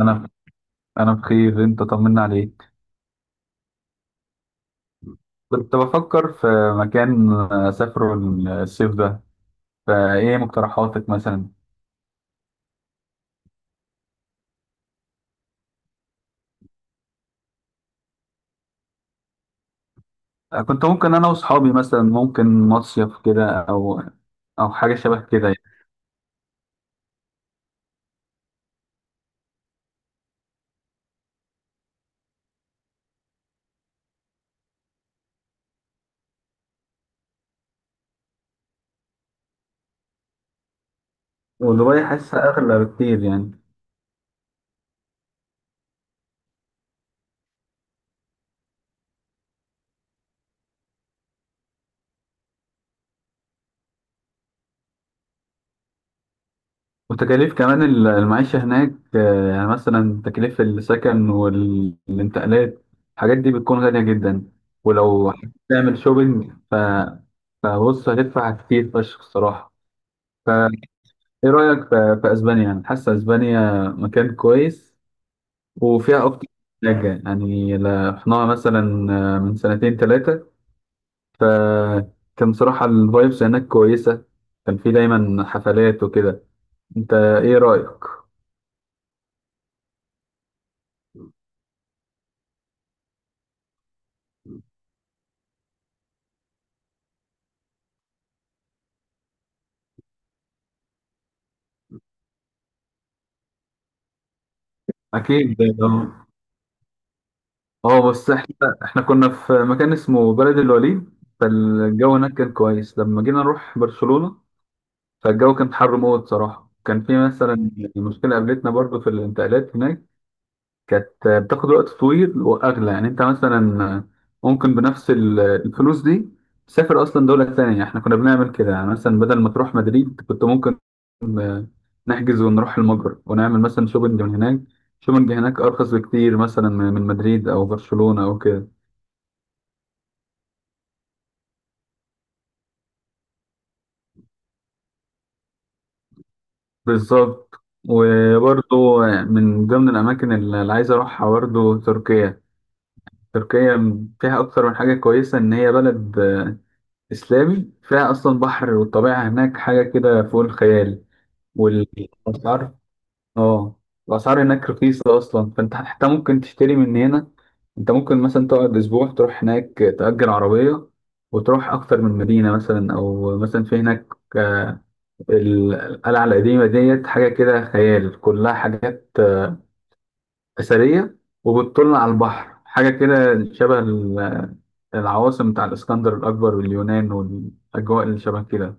انا انا بخير، انت طمنا عليك. كنت بفكر في مكان اسافره الصيف ده، فايه مقترحاتك مثلا؟ كنت ممكن انا واصحابي مثلا، ممكن مصيف كده، او حاجه شبه كده يعني. ودبي حاسسها اغلى بكتير يعني. وتكاليف كمان المعيشه هناك، يعني مثلا تكاليف السكن والانتقالات، الحاجات دي بتكون غاليه جدا. ولو تعمل شوبينج فبص هتدفع كتير فشخ الصراحه. ايه رأيك في اسبانيا؟ يعني حاسه اسبانيا مكان كويس، وفيها اكتر من حاجه يعني. رحناها مثلا من سنتين ثلاثه، فكان صراحه الفايبس هناك كويسه، كان في دايما حفلات وكده. انت ايه رأيك؟ اكيد اه. بس احنا كنا في مكان اسمه بلد الوليد، فالجو هناك كان كويس. لما جينا نروح برشلونة فالجو كان حر موت صراحه. كان في مثلا مشكله قابلتنا برضو في الانتقالات هناك، كانت بتاخد وقت طويل واغلى. يعني انت مثلا ممكن بنفس الفلوس دي تسافر اصلا دوله تانية. احنا كنا بنعمل كده يعني. مثلا بدل ما تروح مدريد كنت ممكن نحجز ونروح المجر ونعمل مثلا شوبنج من هناك. شوبنج هناك ارخص بكتير مثلا من مدريد او برشلونه او كده. بالظبط. وبرضه من ضمن الاماكن اللي عايز اروحها برضه تركيا. تركيا فيها اكتر من حاجه كويسه، ان هي بلد إسلامي، فيها أصلا بحر، والطبيعة هناك حاجة كده فوق الخيال. والأسعار، آه، الأسعار هناك رخيصة أصلا. فأنت حتى ممكن تشتري من هنا. أنت ممكن مثلا تقعد أسبوع تروح هناك، تأجر عربية وتروح أكتر من مدينة، مثلا، أو مثلا في هناك آه، القلعة القديمة ديت، حاجة كده خيال، كلها حاجات أثرية وبتطل على البحر. حاجة كده شبه العواصم بتاع الإسكندر الأكبر واليونان والأجواء اللي شبه كده.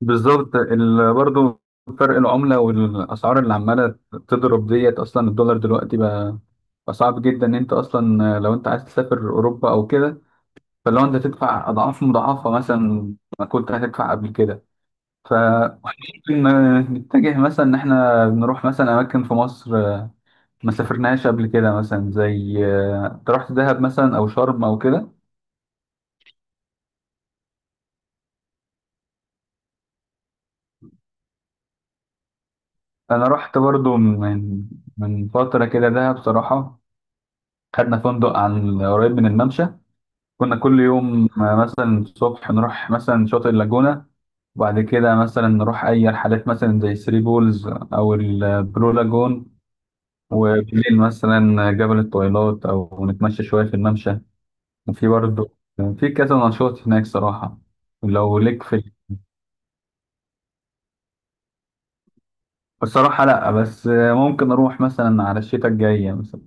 بالظبط. برضه فرق العملة والأسعار اللي عمالة تضرب ديت، أصلا الدولار دلوقتي بقى صعب جدا. إن أنت أصلا لو أنت عايز تسافر أوروبا أو كده، فلو أنت تدفع أضعاف مضاعفة مثلا ما كنت هتدفع قبل كده. فممكن نتجه مثلا إن إحنا نروح مثلا أماكن في مصر ما سافرناهاش قبل كده. مثلا زي، أنت رحت دهب مثلا أو شرم أو كده؟ أنا رحت برضه من فترة كده دهب. بصراحة خدنا فندق عن قريب من الممشى. كنا كل يوم مثلا الصبح نروح مثلا شاطئ اللاجونة، وبعد كده مثلا نروح أي رحلات مثلا زي ثري بولز أو البلو لاجون. وبالليل مثلا جبل الطويلات أو نتمشى شوية في الممشى. وفي برضه في كذا نشاط هناك صراحة، لو ليك في. الصراحة لأ، بس ممكن أروح مثلا على الشتاء الجاية مثلا.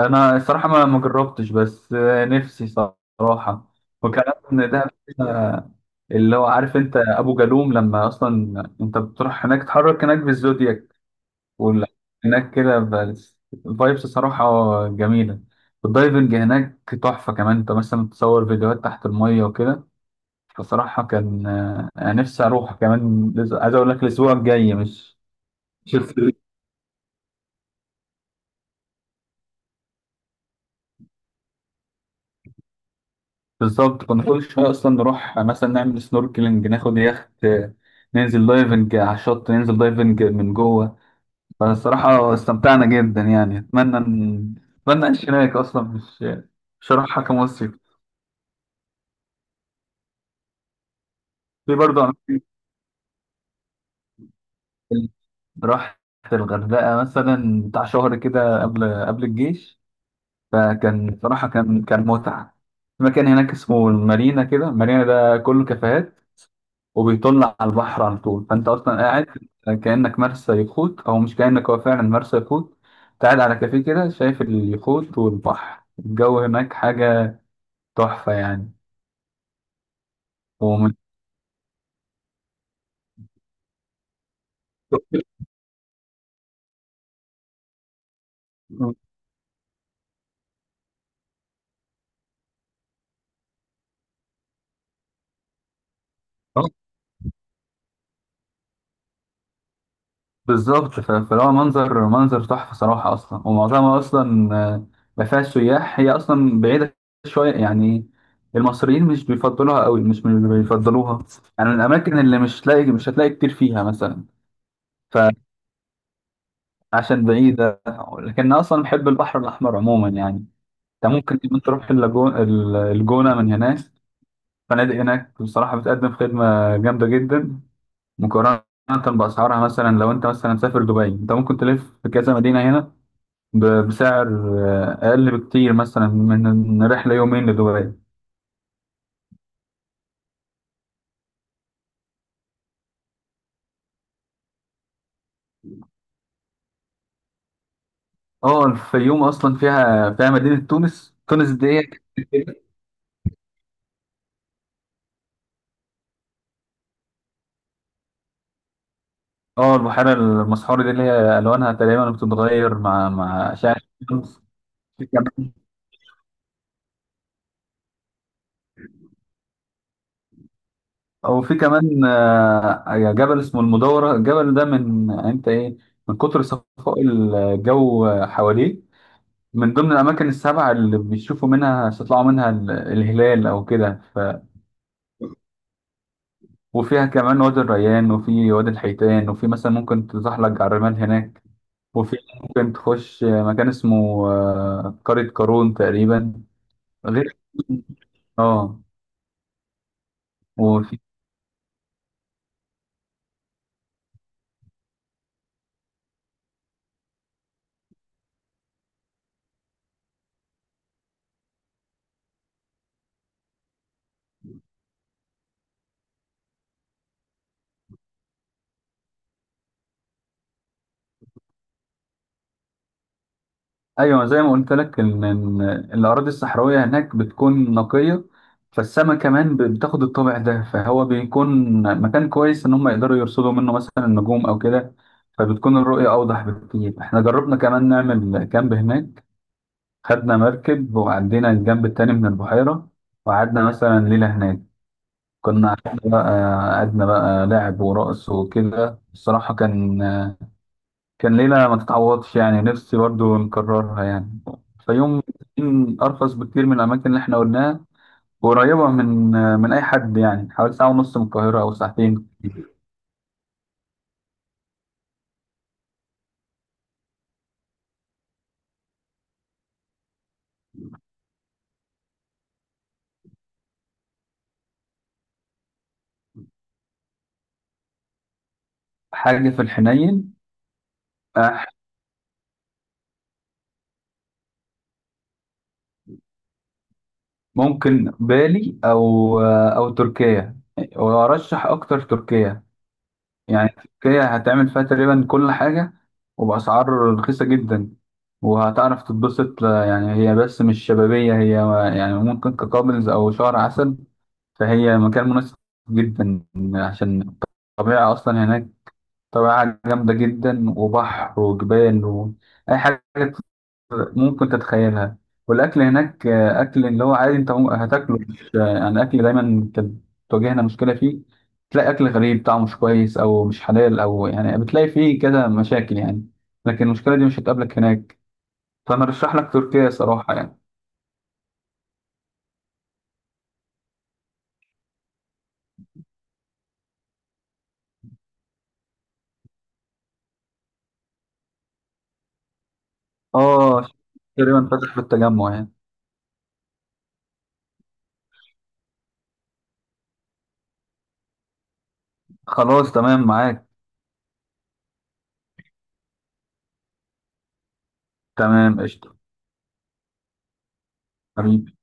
انا الصراحه ما جربتش، بس نفسي صراحه. وكمان دهب، آه، اللي هو، عارف انت ابو جالوم؟ لما اصلا انت بتروح هناك تتحرك هناك بالزودياك. وال- هناك كده بس الفايبس صراحه جميله. الدايفنج هناك تحفه. كمان انت مثلا تصور فيديوهات تحت الميه وكده. فصراحه كان انا نفسي اروح كمان. عايز اقول لك الاسبوع الجاي مش. بالظبط. كنا كل شوية أصلا نروح مثلا نعمل سنوركلينج، ناخد يخت، ننزل دايفنج على الشط، ننزل دايفنج من جوه. فالصراحة استمتعنا جدا يعني. أتمنى أعيش هناك أصلا. مش هروحها كمصيف. في برضه أماكن. رحت الغردقة مثلا بتاع شهر كده، قبل الجيش. فكان صراحة كان متعة. في مكان هناك اسمه المارينا كده، المارينا ده كله كافيهات وبيطل على البحر على طول. فانت اصلا قاعد كانك مرسى يخوت، او مش كانك، هو فعلا مرسى يخوت. أنت قاعد على كافيه كده شايف اليخوت والبحر. الجو هناك حاجه تحفه يعني. ومن، بالظبط. فهو منظر تحفه صراحه. اصلا ومعظمها اصلا ما فيهاش سياح، هي اصلا بعيده شويه يعني. المصريين مش بيفضلوها قوي، مش من اللي بيفضلوها يعني. من الاماكن اللي مش هتلاقي كتير فيها مثلا. عشان بعيدة. لكن أنا أصلا بحب البحر الأحمر عموما يعني. أنت ممكن كمان تروح اللاجون، الجونة من هناك. فنادق هناك بصراحة بتقدم خدمة جامدة جدا مقارنة بأسعارها. مثلا لو أنت مثلا مسافر دبي، أنت ممكن تلف في كذا مدينة هنا بسعر أقل بكتير مثلا من رحلة يومين لدبي. أه الفيوم أصلا فيها مدينة تونس. تونس دي... اه، البحيرة المسحورة دي اللي هي ألوانها تقريبا بتتغير مع أشعة الشمس. او في كمان جبل اسمه المدورة. الجبل ده من انت ايه، من كتر صفاء الجو حواليه، من ضمن الاماكن السبعة اللي بيشوفوا منها، بيطلعوا منها الهلال او كده ف... وفيها كمان وادي الريان، وفي وادي الحيتان، وفي مثلا ممكن تزحلق على الرمال هناك. وفي ممكن تخش مكان اسمه قرية قارون تقريبا، غير. اه. ايوه زي ما قلت لك إن الاراضي الصحراويه هناك بتكون نقيه. فالسما كمان بتاخد الطابع ده، فهو بيكون مكان كويس ان هم يقدروا يرصدوا منه مثلا النجوم او كده. فبتكون الرؤيه اوضح بكتير. احنا جربنا كمان نعمل كامب هناك، خدنا مركب وعدينا الجنب التاني من البحيره، وقعدنا مثلا ليله هناك، كنا قعدنا بقى، لعب ورقص وكده. الصراحه كان ليله ما تتعوضش يعني، نفسي برضو نكررها يعني. الفيوم بتكون أرخص بكتير من الأماكن اللي إحنا قلناها، وقريبة من أي حد يعني، حوالي ساعة ونص من القاهرة أو ساعتين. حاجة في الحنين. أح- ممكن بالي أو أو تركيا، وأرشح أكتر تركيا يعني. تركيا هتعمل فيها تقريبا كل حاجة، وبأسعار رخيصة جدا، وهتعرف تتبسط يعني. هي بس مش شبابية هي، يعني ممكن ككابلز أو شهر عسل. فهي مكان مناسب جدا، عشان الطبيعة أصلا هناك طبيعة جامدة جدا، وبحر وجبال وأي حاجة ممكن تتخيلها. والأكل هناك أكل اللي هو عادي. أنت هتاكله. مش يعني، أكل دايما كانت تواجهنا مشكلة فيه، تلاقي أكل غريب طعمه مش كويس أو مش حلال، أو يعني بتلاقي فيه كذا مشاكل يعني. لكن المشكلة دي مش هتقابلك هناك. فأنا أرشح لك تركيا صراحة يعني. آه. تقريبا فتح في التجمع يعني. خلاص تمام معاك. تمام قشطة. حبيبي.